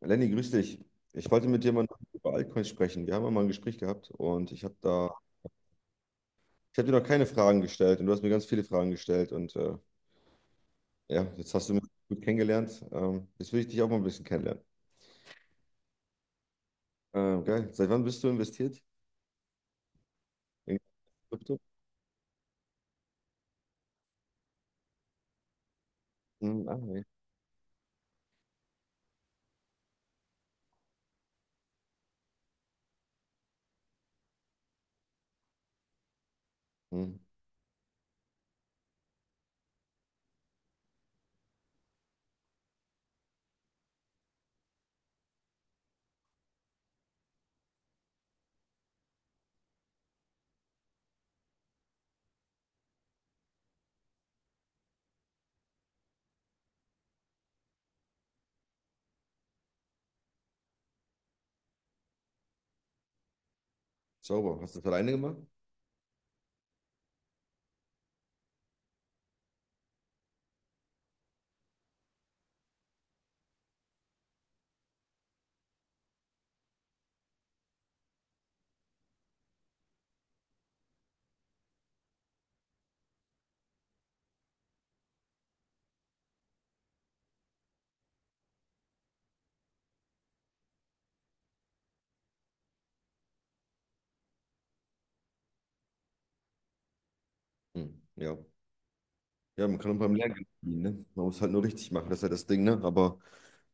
Lenny, grüß dich. Ich wollte mit dir mal über Altcoins sprechen. Wir haben ja mal ein Gespräch gehabt und ich habe dir noch keine Fragen gestellt und du hast mir ganz viele Fragen gestellt und ja, jetzt hast du mich gut kennengelernt. Jetzt will ich dich auch mal ein bisschen kennenlernen. Geil. Seit wann bist du investiert in Krypto? Hm, ah, nee. Hm, sauber. Hast du das alleine gemacht? Hm, ja. Ja, man kann auch beim Lernen verdienen, ne? Man muss halt nur richtig machen, das ist ja das Ding, ne? Aber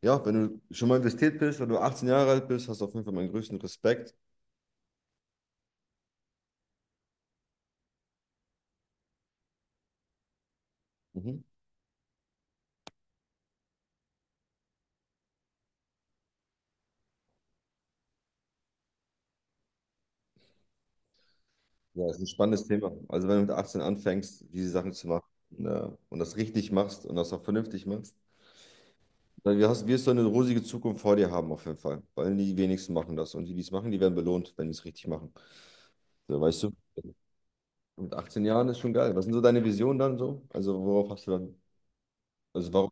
ja, wenn du schon mal investiert bist, wenn du 18 Jahre alt bist, hast du auf jeden Fall meinen größten Respekt. Mhm. Ja, das ist ein spannendes Thema. Also wenn du mit 18 anfängst, diese Sachen zu machen, ne, und das richtig machst und das auch vernünftig machst, dann wirst du eine rosige Zukunft vor dir haben auf jeden Fall. Weil die wenigsten machen das. Und die, die es machen, die werden belohnt, wenn die es richtig machen. So, weißt du, mit 18 Jahren ist schon geil. Was sind so deine Visionen dann so? Also worauf hast du dann, Also warum?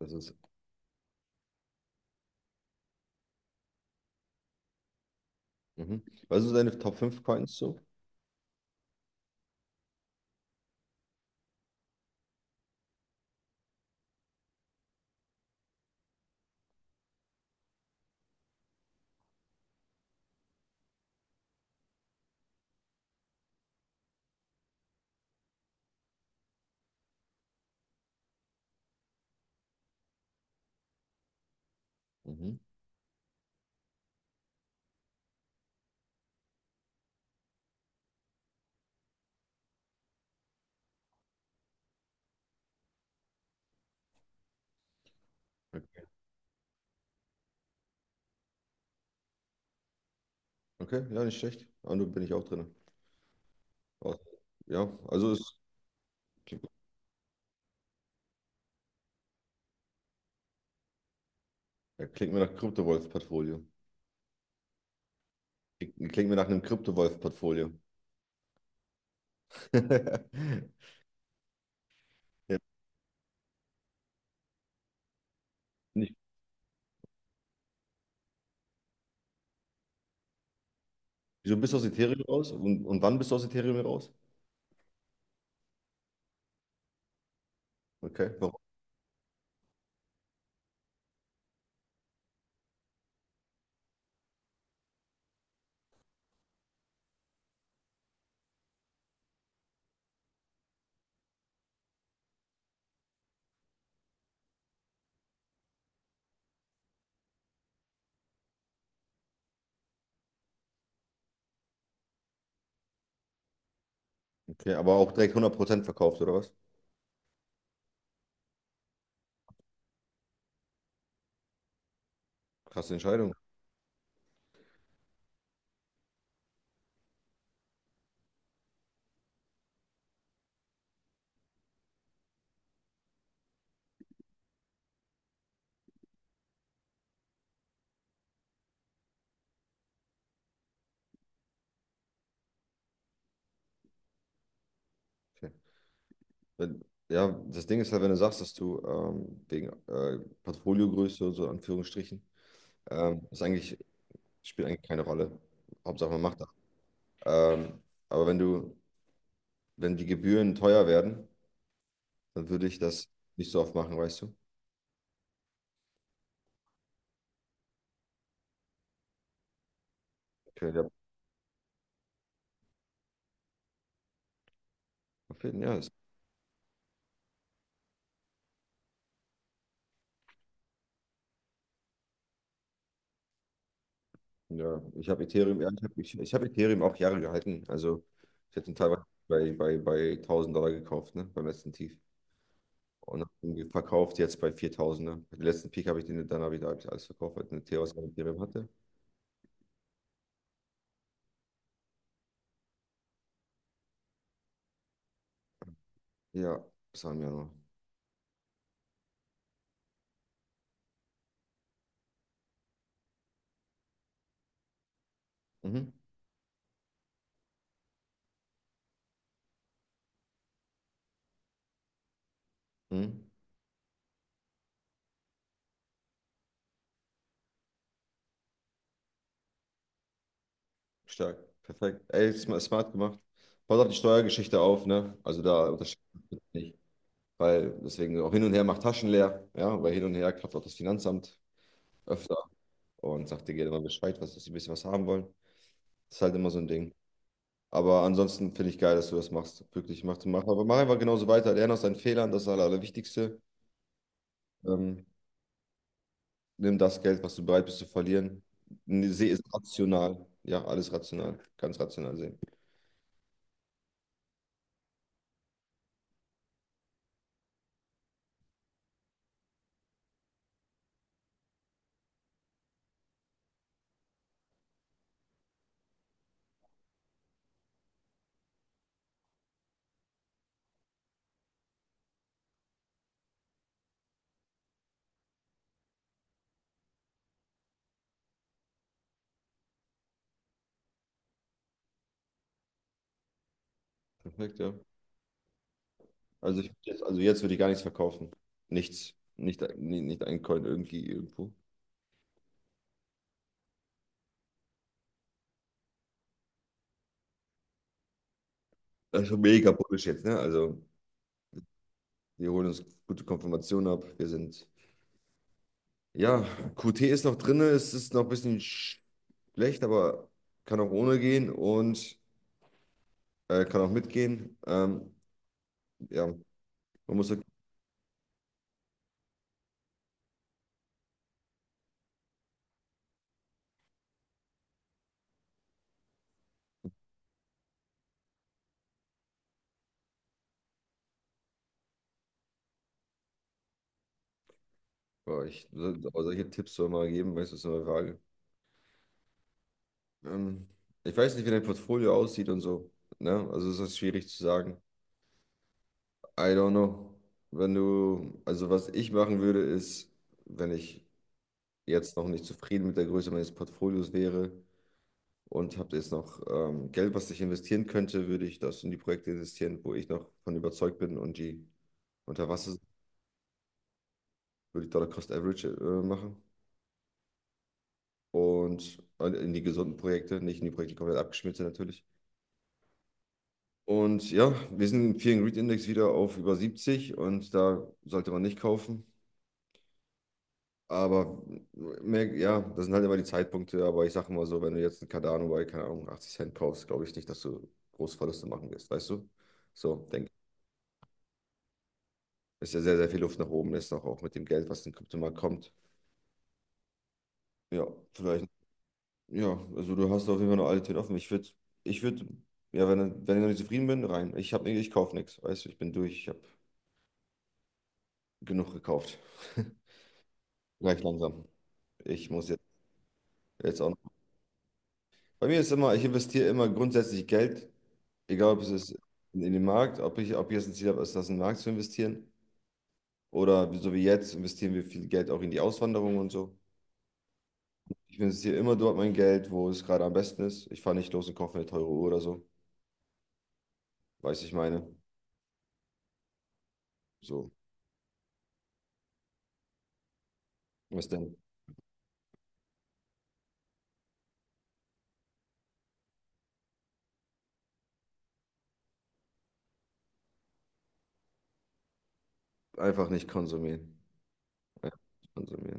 Das ist, mhm. Was sind so deine Top fünf Coins so? Mhm. Okay, Okay, ja, nicht schlecht. Ja, und bin ich auch drin. Aus- Ja, also klingt, ja, klingt mir nach Kryptowolf-Portfolio. Klingt mir nach einem Kryptowolf-Portfolio. Ja, nicht. Wieso bist du aus Ethereum raus? Und wann bist du aus Ethereum raus? Okay, warum? Okay, aber auch direkt 100% verkauft, oder was? Krasse Entscheidung. Okay. Wenn, ja, das Ding ist halt, wenn du sagst, dass du wegen Portfoliogröße und so, in Anführungsstrichen, ähm, ist eigentlich, spielt eigentlich keine Rolle. Hauptsache, man macht das. Ähm, aber wenn die Gebühren teuer werden, dann würde ich das nicht so oft machen, weißt du? Okay, ja, auf jeden Fall, ja. Ja, ich hab Ethereum auch Jahre gehalten. Also ich hatte ihn teilweise bei 1.000 Dollar gekauft, ne, beim letzten Tief. Und habe ihn verkauft jetzt bei 4.000, ne. Den letzten Peak habe ich den, dann hab ich alles verkauft, weil ich eine Theos an Ethereum hatte. Ja, das war im Januar. Mhm. Mhm. Stark, perfekt. Ey, smart gemacht. Pass auf die Steuergeschichte auf, ne? Also da unterscheidet es nicht. Weil deswegen auch hin und her macht Taschen leer, ja, weil hin und her klappt auch das Finanzamt öfter und sagt dir gerne mal Bescheid, was, dass sie ein bisschen was haben wollen. Das ist halt immer so ein Ding. Aber ansonsten finde ich geil, dass du das machst. Wirklich, aber mach einfach genauso weiter. Lerne aus deinen Fehlern, das ist das Allerwichtigste. Ähm, Nimm das Geld, was du bereit bist zu verlieren. Sehe es rational. Ja, alles rational. Ganz rational sehen. Perfekt, ja. Also jetzt würde ich gar nichts verkaufen. Nichts. Nicht ein Coin irgendwie irgendwo. Das ist schon mega bullish jetzt, ne? Also, wir holen uns gute Konfirmation ab. Wir sind. Ja, QT ist noch drin, es ist noch ein bisschen schlecht, aber kann auch ohne gehen und kann auch mitgehen. Ja, man muss ja, boah, ich, so- aber solche Tipps soll man geben, weißt du, ist so eine Frage. Ähm, Ich weiß nicht, wie dein Portfolio aussieht und so, ne? Also ist das schwierig zu sagen. I don't know. Wenn du, also was ich machen würde, ist, wenn ich jetzt noch nicht zufrieden mit der Größe meines Portfolios wäre, und habe jetzt noch Geld, was ich investieren könnte, würde ich das in die Projekte investieren, wo ich noch von überzeugt bin und die unter Wasser würde ich Dollar Cost Average machen und in die gesunden Projekte, nicht in die Projekte, die komplett abgeschmiert sind natürlich. Und ja, wir sind im Fear and Greed Index wieder auf über 70 und da sollte man nicht kaufen. Aber mehr, ja, das sind halt immer die Zeitpunkte. Aber ich sage mal so, wenn du jetzt einen Cardano bei, keine Ahnung, 80 Cent kaufst, glaube ich nicht, dass du große Verluste machen wirst, weißt du? So, denke ich. Ist ja sehr, sehr viel Luft nach oben ist, noch auch mit dem Geld, was in den Kryptomarkt kommt. Ja, vielleicht. Ja, also du hast auf jeden Fall noch alle Türen offen. Ich würde, ja, wenn ich noch nicht zufrieden bin, rein. Ich kaufe nichts. Weißt du, ich bin durch. Ich habe genug gekauft. Gleich langsam. Ich muss jetzt, jetzt auch noch. Bei mir ist immer, ich investiere immer grundsätzlich Geld, egal ob es ist in den Markt, ob ich jetzt ein Ziel habe, ist das in den Markt zu investieren. Oder so wie jetzt investieren wir viel Geld auch in die Auswanderung und so. Ich investiere immer dort mein Geld, wo es gerade am besten ist. Ich fahre nicht los und kaufe mir eine teure Uhr oder so. Weiß ich meine. So. Was denn? Einfach nicht konsumieren. Ja, konsumieren.